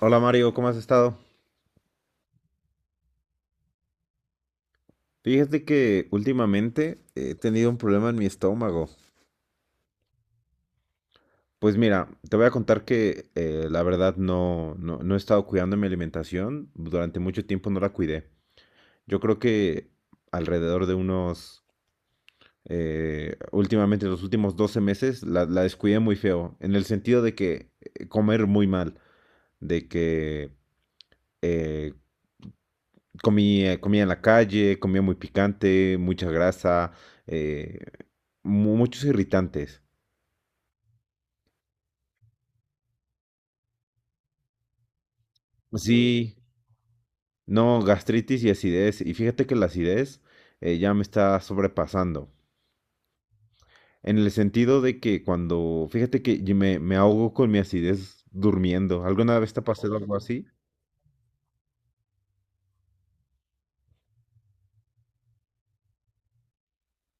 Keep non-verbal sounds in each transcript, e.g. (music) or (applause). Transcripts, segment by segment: Hola Mario, ¿cómo has estado? Fíjate que últimamente he tenido un problema en mi estómago. Pues mira, te voy a contar que la verdad no he estado cuidando mi alimentación. Durante mucho tiempo no la cuidé. Yo creo que alrededor de unos, últimamente los últimos 12 meses la descuidé muy feo. En el sentido de que comer muy mal, de que eh, comía en la calle, comía muy picante, mucha grasa, eh, muchos irritantes. Sí, no, gastritis y acidez. Y fíjate que la acidez ya me está sobrepasando. En el sentido de que fíjate que me ahogo con mi acidez durmiendo. ¿Alguna vez te ha pasado algo así?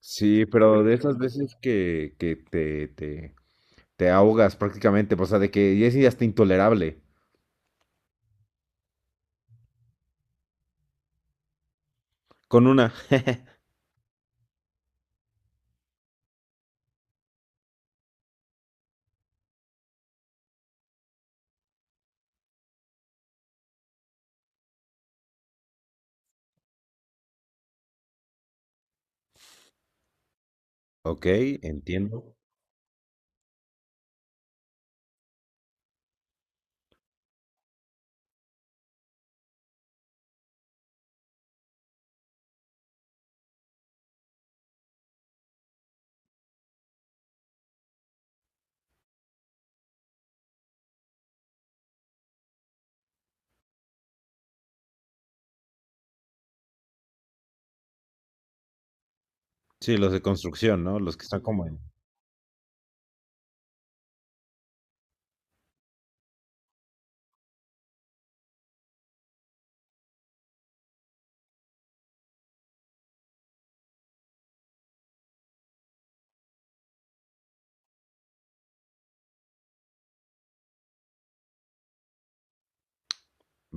Sí, pero de esas veces que te ahogas prácticamente, o sea, de que ya es hasta intolerable. Con una. (laughs) Ok, entiendo. Sí, los de construcción, ¿no? Los que están como en...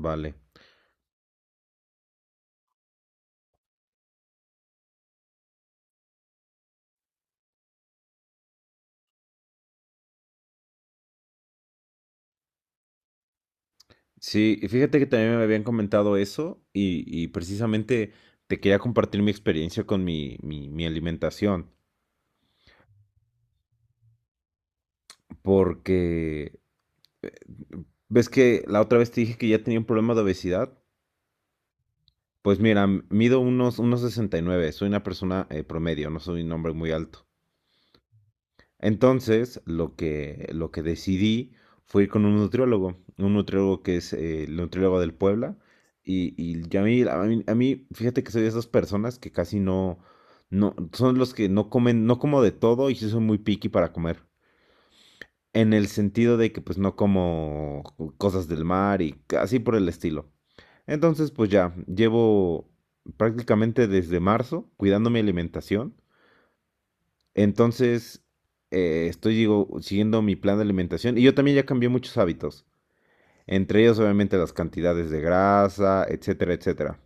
Vale. Sí, y fíjate que también me habían comentado eso y precisamente te quería compartir mi experiencia con mi alimentación, porque eh, ves que la otra vez te dije que ya tenía un problema de obesidad. Pues mira, mido unos, unos 69. Soy una persona promedio, no soy un hombre muy alto. Entonces, lo que decidí fue ir con un nutriólogo que es el nutriólogo del Puebla. Y ya a mí, fíjate que soy de esas personas que casi no, no, son los que no comen, no como de todo y sí soy muy picky para comer. En el sentido de que pues no como cosas del mar y así por el estilo. Entonces, pues ya, llevo prácticamente desde marzo cuidando mi alimentación, entonces, siguiendo mi plan de alimentación y yo también ya cambié muchos hábitos, entre ellos obviamente las cantidades de grasa, etcétera, etcétera.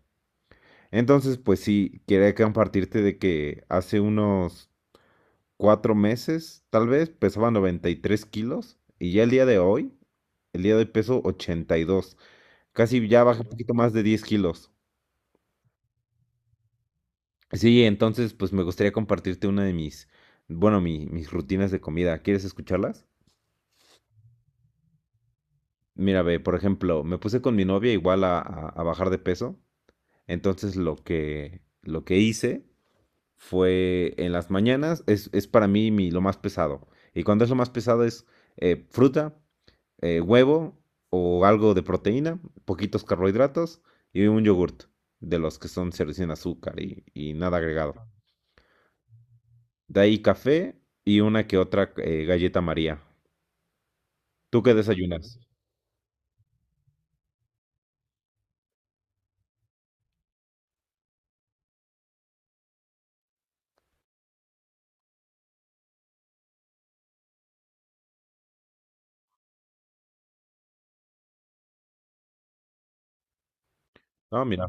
Entonces, pues sí, quería compartirte de que hace unos cuatro meses, tal vez, pesaba 93 kilos y ya el día de hoy, el día de hoy peso 82, casi ya bajé un poquito más de 10 kilos. Sí, entonces, pues me gustaría compartirte una de mis, bueno, mis rutinas de comida. ¿Quieres escucharlas? Mira, ve, por ejemplo, me puse con mi novia igual a bajar de peso. Entonces lo que hice fue en las mañanas, es para mí mi, lo más pesado. Y cuando es lo más pesado es fruta, huevo o algo de proteína, poquitos carbohidratos y un yogurt, de los que son cero sin azúcar y nada agregado. De ahí café y una que otra galleta María. ¿Tú qué desayunas? Ah, mira.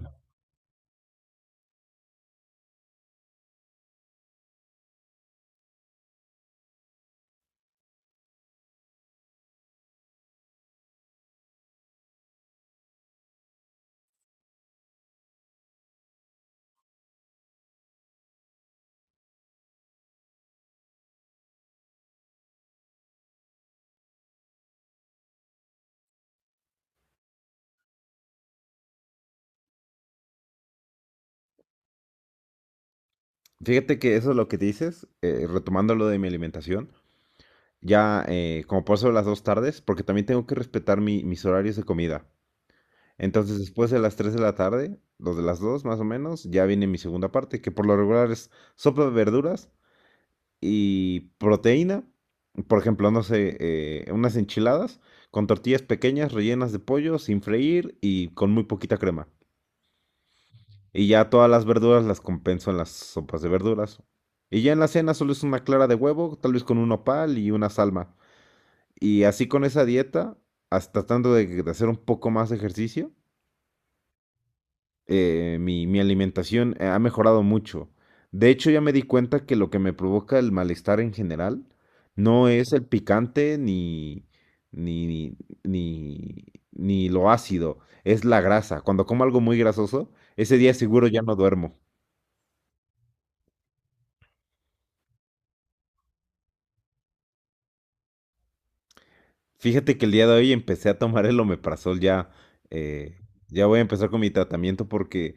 Fíjate que eso es lo que dices, retomando lo de mi alimentación, ya como paso las dos tardes, porque también tengo que respetar mis horarios de comida. Entonces, después de las 3 de la tarde, los de las 2 más o menos, ya viene mi segunda parte, que por lo regular es sopa de verduras y proteína. Por ejemplo, no sé, unas enchiladas con tortillas pequeñas rellenas de pollo sin freír y con muy poquita crema. Y ya todas las verduras las compenso en las sopas de verduras. Y ya en la cena solo es una clara de huevo, tal vez con un nopal y una salma. Y así con esa dieta, hasta tratando de hacer un poco más de ejercicio, mi alimentación ha mejorado mucho. De hecho, ya me di cuenta que lo que me provoca el malestar en general no es el picante ni, ni, ni lo ácido, es la grasa. Cuando como algo muy grasoso, ese día seguro ya no duermo. Fíjate que el día de hoy empecé a tomar el omeprazol ya. eh, ya voy a empezar con mi tratamiento porque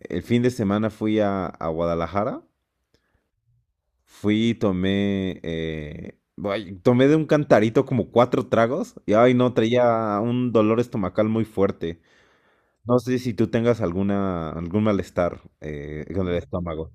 el fin de semana fui a Guadalajara. Fui y tomé. Ay, tomé de un cantarito como cuatro tragos. Y ay, no, traía un dolor estomacal muy fuerte. No sé si tú tengas algún malestar con el estómago.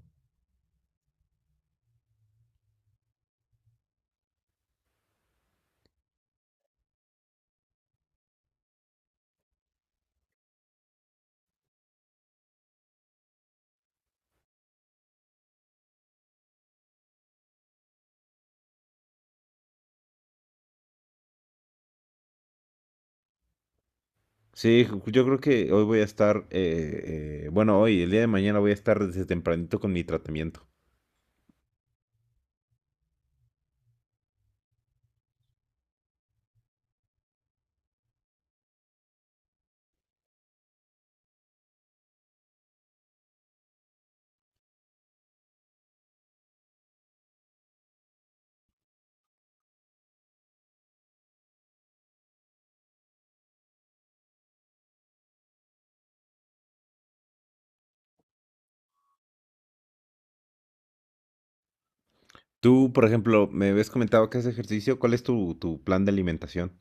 Sí, yo creo que hoy voy a estar. Bueno, hoy, el día de mañana voy a estar desde tempranito con mi tratamiento. Tú, por ejemplo, me habías comentado que haces ejercicio. ¿Cuál es tu plan de alimentación?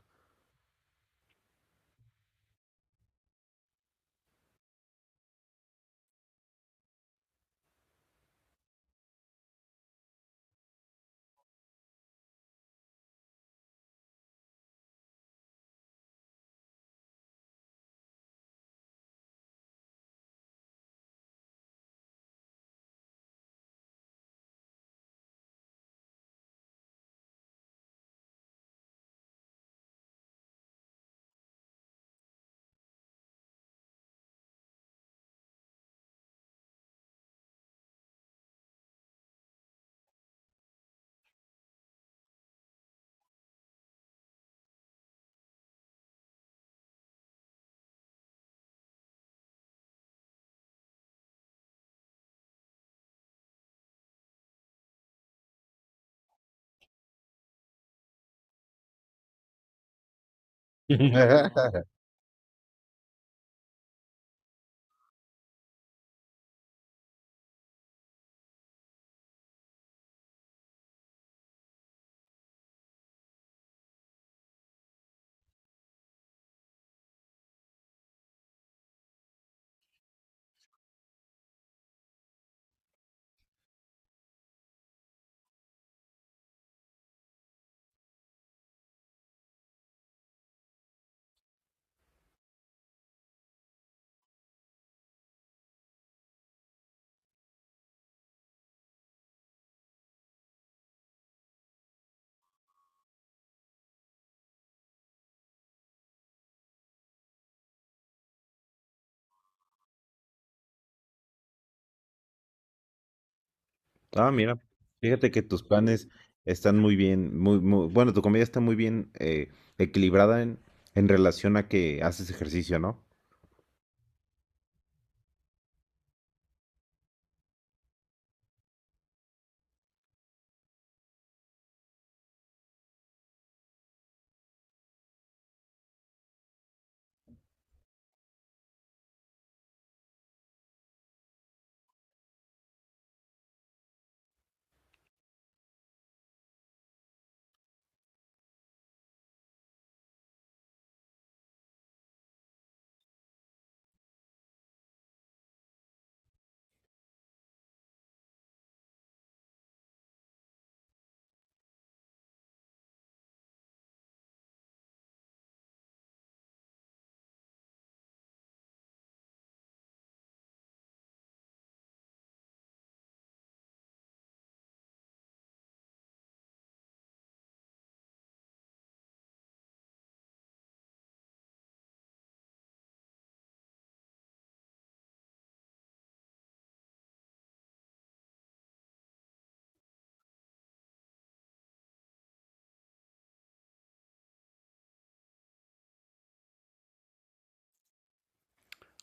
(laughs) Ah, mira, fíjate que tus planes están muy bien, muy, muy, bueno, tu comida está muy bien equilibrada en relación a que haces ejercicio, ¿no?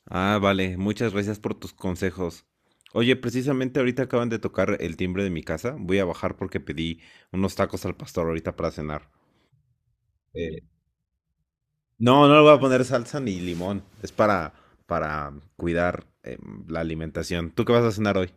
Ah, vale, muchas gracias por tus consejos. Oye, precisamente ahorita acaban de tocar el timbre de mi casa. Voy a bajar porque pedí unos tacos al pastor ahorita para cenar. Eh, No, no le voy a poner salsa ni limón. Es para cuidar la alimentación. ¿Tú qué vas a cenar hoy?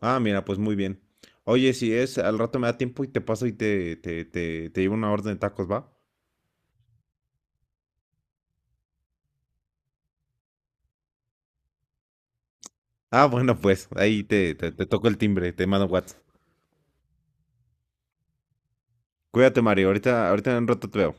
Ah, mira, pues muy bien. Oye, si es, al rato me da tiempo y te paso y te llevo una orden de tacos, ¿va? Ah, bueno, pues ahí te toco el timbre, te mando WhatsApp. Cuídate, Mario. Ahorita, ahorita en un rato te veo.